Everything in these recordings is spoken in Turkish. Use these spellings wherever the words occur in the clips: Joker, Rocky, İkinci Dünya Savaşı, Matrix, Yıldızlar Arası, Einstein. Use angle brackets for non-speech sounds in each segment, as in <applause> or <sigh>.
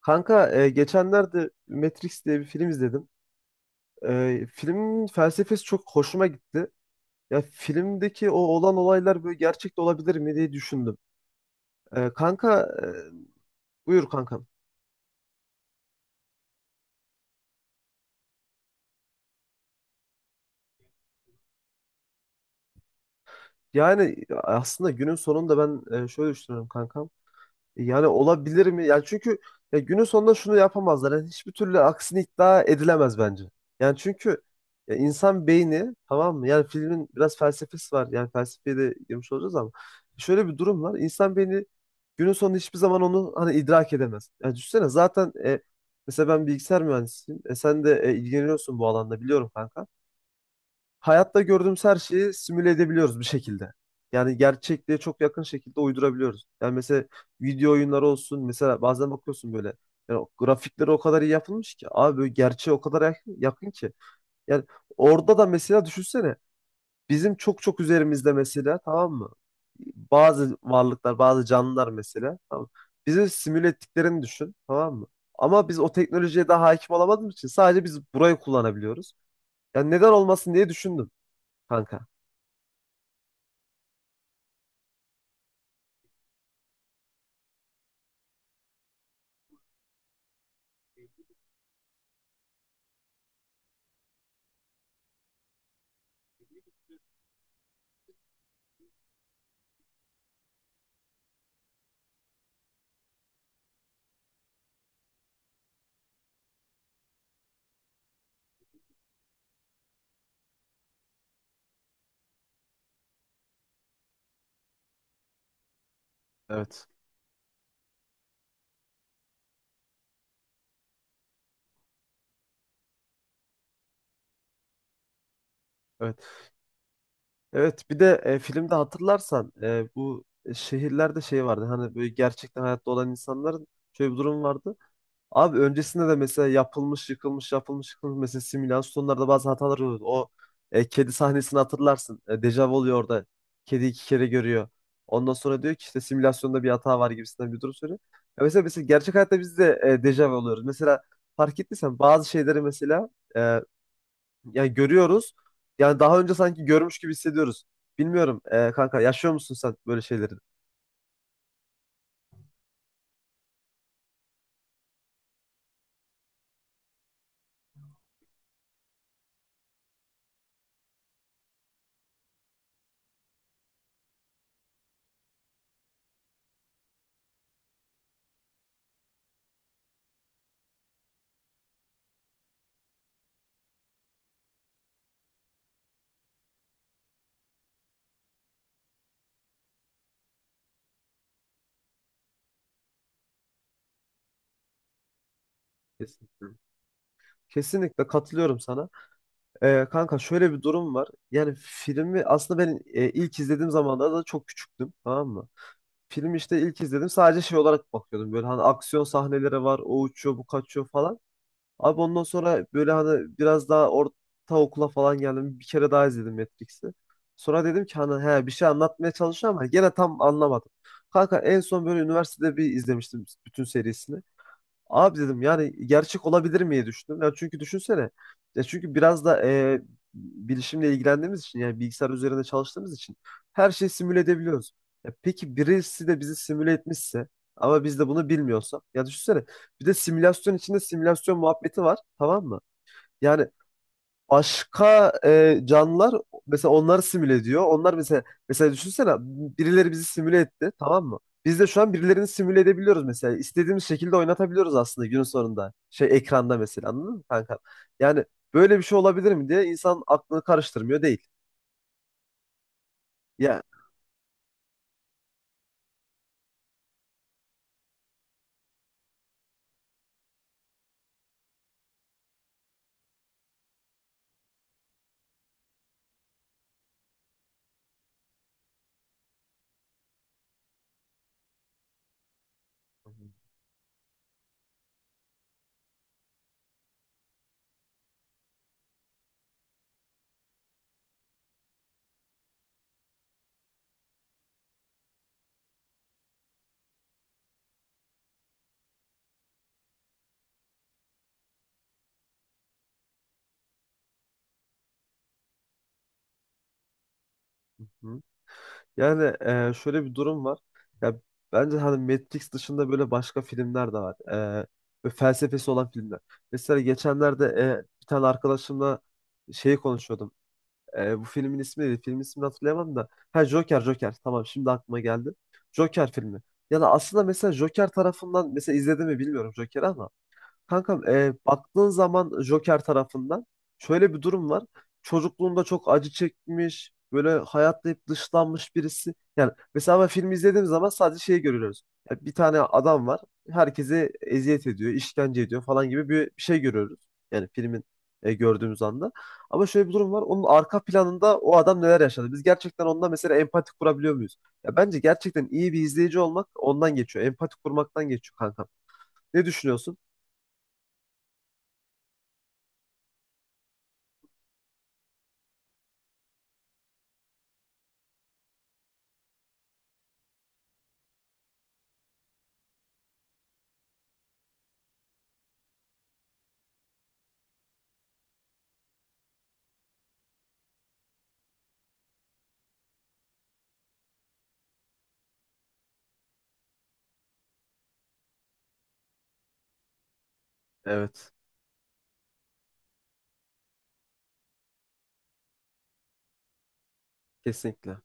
Kanka geçenlerde Matrix diye bir film izledim. Filmin felsefesi çok hoşuma gitti. Ya filmdeki o olan olaylar böyle gerçekte olabilir mi diye düşündüm. E, kanka Buyur kankam. Yani aslında günün sonunda ben şöyle düşünüyorum kankam. Yani olabilir mi? Yani çünkü ya günün sonunda şunu yapamazlar. Yani hiçbir türlü aksini iddia edilemez bence. Yani çünkü ya insan beyni tamam mı? Yani filmin biraz felsefesi var. Yani felsefeye de girmiş olacağız ama şöyle bir durum var. İnsan beyni günün sonunda hiçbir zaman onu hani idrak edemez. Yani düşünsene zaten mesela ben bilgisayar mühendisiyim. Sen de ilgileniyorsun bu alanda biliyorum kanka, hayatta gördüğümüz her şeyi simüle edebiliyoruz bir şekilde. Yani gerçekliğe çok yakın şekilde uydurabiliyoruz. Yani mesela video oyunları olsun, mesela bazen bakıyorsun böyle, yani o grafikleri o kadar iyi yapılmış ki abi böyle gerçeğe o kadar yakın, yakın ki. Yani orada da mesela düşünsene, bizim çok çok üzerimizde mesela tamam mı? Bazı varlıklar, bazı canlılar mesela tamam mı? Bizi simüle ettiklerini düşün tamam mı? Ama biz o teknolojiye daha hakim olamadığımız için sadece biz burayı kullanabiliyoruz. Yani neden olmasın diye düşündüm kanka. Evet. Evet. Evet, bir de filmde hatırlarsan bu şehirlerde şey vardı. Hani böyle gerçekten hayatta olan insanların şöyle bir durum vardı. Abi öncesinde de mesela yapılmış, yıkılmış, yapılmış, yıkılmış, mesela simülasyonlarda bazı hatalar oluyordu. Kedi sahnesini hatırlarsın. Dejavu oluyor orada. Kedi iki kere görüyor. Ondan sonra diyor ki işte simülasyonda bir hata var gibisinden bir durum söylüyor. Ya mesela, gerçek hayatta biz de dejavu oluyoruz. Mesela fark ettiysen bazı şeyleri mesela yani görüyoruz. Yani daha önce sanki görmüş gibi hissediyoruz. Bilmiyorum kanka, yaşıyor musun sen böyle şeyleri? Kesinlikle. Kesinlikle katılıyorum sana. Kanka şöyle bir durum var. Yani filmi aslında ben ilk izlediğim zamanlarda da çok küçüktüm tamam mı? Filmi işte ilk izledim, sadece şey olarak bakıyordum. Böyle hani aksiyon sahneleri var, o uçuyor bu kaçıyor falan. Abi ondan sonra böyle hani biraz daha orta okula falan geldim. Bir kere daha izledim Matrix'i. Sonra dedim ki hani he bir şey anlatmaya çalışıyor ama gene tam anlamadım. Kanka en son böyle üniversitede bir izlemiştim bütün serisini. Abi dedim yani gerçek olabilir miye düşündüm. Ya çünkü düşünsene. Ya çünkü biraz da bilişimle ilgilendiğimiz için, yani bilgisayar üzerinde çalıştığımız için her şeyi simüle edebiliyoruz. Ya peki birisi de bizi simüle etmişse ama biz de bunu bilmiyorsak. Ya düşünsene, bir de simülasyon içinde simülasyon muhabbeti var tamam mı? Yani başka canlılar mesela onları simüle ediyor. Onlar mesela, düşünsene birileri bizi simüle etti tamam mı? Biz de şu an birilerini simüle edebiliyoruz mesela. İstediğimiz şekilde oynatabiliyoruz aslında günün sonunda. Şey ekranda mesela, anladın mı kanka? Yani böyle bir şey olabilir mi diye insan aklını karıştırmıyor değil. Ya Hı. Yani şöyle bir durum var. Ya bence hani Matrix dışında böyle başka filmler de var. E, Ve felsefesi olan filmler. Mesela geçenlerde bir tane arkadaşımla şeyi konuşuyordum. Bu filmin ismi neydi? Filmin ismini hatırlayamam da. Ha Joker, Joker. Tamam, şimdi aklıma geldi. Joker filmi. Yani aslında mesela Joker tarafından, mesela izledim mi bilmiyorum Joker'i ama kankam baktığın zaman Joker tarafından şöyle bir durum var. Çocukluğunda çok acı çekmiş, böyle hayatta hep dışlanmış birisi. Yani mesela ben filmi izlediğim zaman sadece şeyi görüyoruz. Ya bir tane adam var, herkese eziyet ediyor, işkence ediyor falan gibi bir şey görüyoruz. Yani filmin gördüğümüz anda. Ama şöyle bir durum var. Onun arka planında o adam neler yaşadı? Biz gerçekten ondan mesela empati kurabiliyor muyuz? Ya bence gerçekten iyi bir izleyici olmak ondan geçiyor. Empati kurmaktan geçiyor kankam. Ne düşünüyorsun? Evet. Kesinlikle.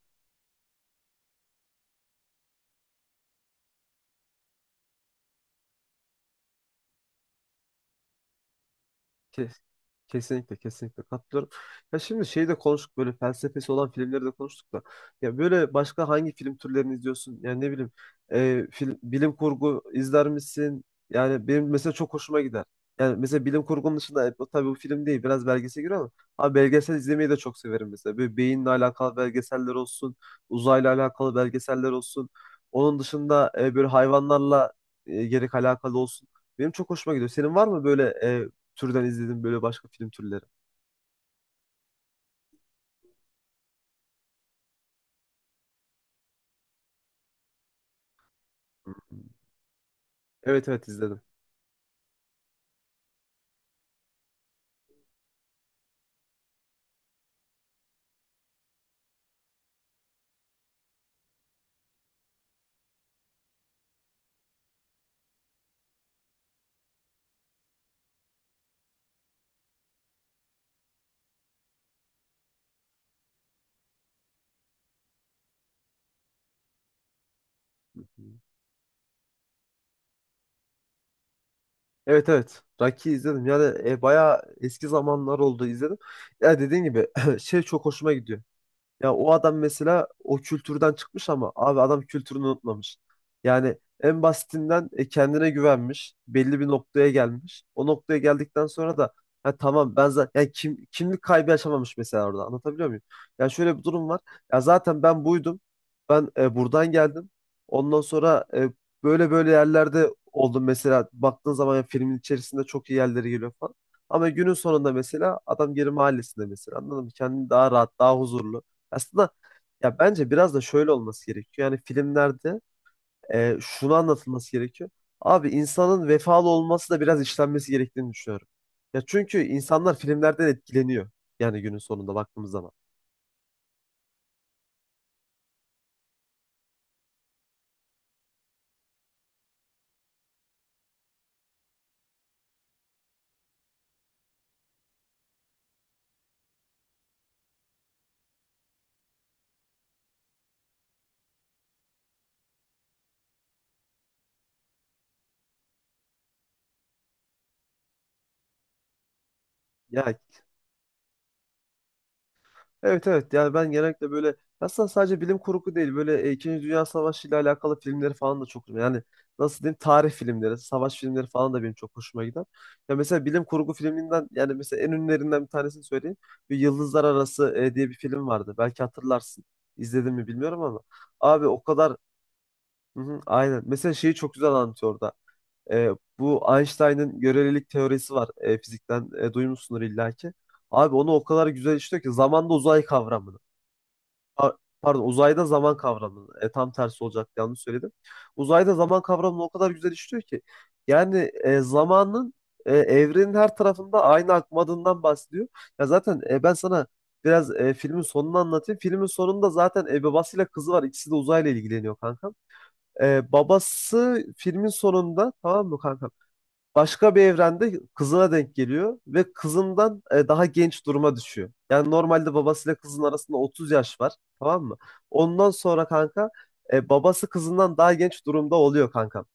Kes- Kesinlikle, kesinlikle katılıyorum. Ya şimdi şeyi de konuştuk, böyle felsefesi olan filmleri de konuştuk da. Ya böyle başka hangi film türlerini izliyorsun? Yani ne bileyim, bilim kurgu izler misin? Yani benim mesela çok hoşuma gider. Yani mesela bilim kurgunun dışında, bu tabii bu film değil, biraz belgesel giriyor ama abi belgesel izlemeyi de çok severim mesela. Böyle beyinle alakalı belgeseller olsun, uzayla alakalı belgeseller olsun. Onun dışında böyle hayvanlarla gerek alakalı olsun. Benim çok hoşuma gidiyor. Senin var mı böyle türden izledim böyle başka film türleri. Evet evet, izledim. Evet evet. Rocky izledim. Yani bayağı eski zamanlar oldu izledim. Ya dediğin gibi <clears throat> şey çok hoşuma gidiyor. Ya o adam mesela o kültürden çıkmış ama abi adam kültürünü unutmamış. Yani en basitinden kendine güvenmiş. Belli bir noktaya gelmiş. O noktaya geldikten sonra da ha, tamam, ben zaten yani kimlik kaybı yaşamamış mesela orada. Anlatabiliyor muyum? Ya şöyle bir durum var. Ya zaten ben buydum. Ben buradan geldim. Ondan sonra böyle böyle yerlerde oldum mesela. Baktığın zaman ya filmin içerisinde çok iyi yerlere geliyor falan. Ama günün sonunda mesela adam geri mahallesinde mesela, anladın mı? Kendini daha rahat, daha huzurlu. Aslında ya bence biraz da şöyle olması gerekiyor. Yani filmlerde şunu anlatılması gerekiyor. Abi insanın vefalı olması da biraz işlenmesi gerektiğini düşünüyorum. Ya çünkü insanlar filmlerden etkileniyor. Yani günün sonunda baktığımız zaman. Ya evet evet, yani ben genellikle böyle, aslında sadece bilim kurgu değil, böyle İkinci Dünya Savaşı ile alakalı filmleri falan da çok, yani nasıl diyeyim, tarih filmleri, savaş filmleri falan da benim çok hoşuma gider. Ya mesela bilim kurgu filminden yani mesela en ünlülerinden bir tanesini söyleyeyim. Bir Yıldızlar Arası diye bir film vardı. Belki hatırlarsın. İzledin mi bilmiyorum ama abi o kadar hı hı, aynen. Mesela şeyi çok güzel anlatıyor orada. E, Bu Einstein'ın görelilik teorisi var. Fizikten duymuşsundur illaki. Abi onu o kadar güzel işliyor ki zamanda uzay kavramını. Pa- Pardon, uzayda zaman kavramını. Tam tersi olacak, yanlış söyledim. Uzayda zaman kavramını o kadar güzel işliyor ki. Yani zamanın evrenin her tarafında aynı akmadığından bahsediyor. Ya zaten ben sana biraz filmin sonunu anlatayım. Filmin sonunda zaten babasıyla kızı var. İkisi de uzayla ilgileniyor kanka. Babası filmin sonunda tamam mı kanka? Başka bir evrende kızına denk geliyor ve kızından daha genç duruma düşüyor. Yani normalde babasıyla kızın arasında 30 yaş var, tamam mı? Ondan sonra kanka, babası kızından daha genç durumda oluyor kanka.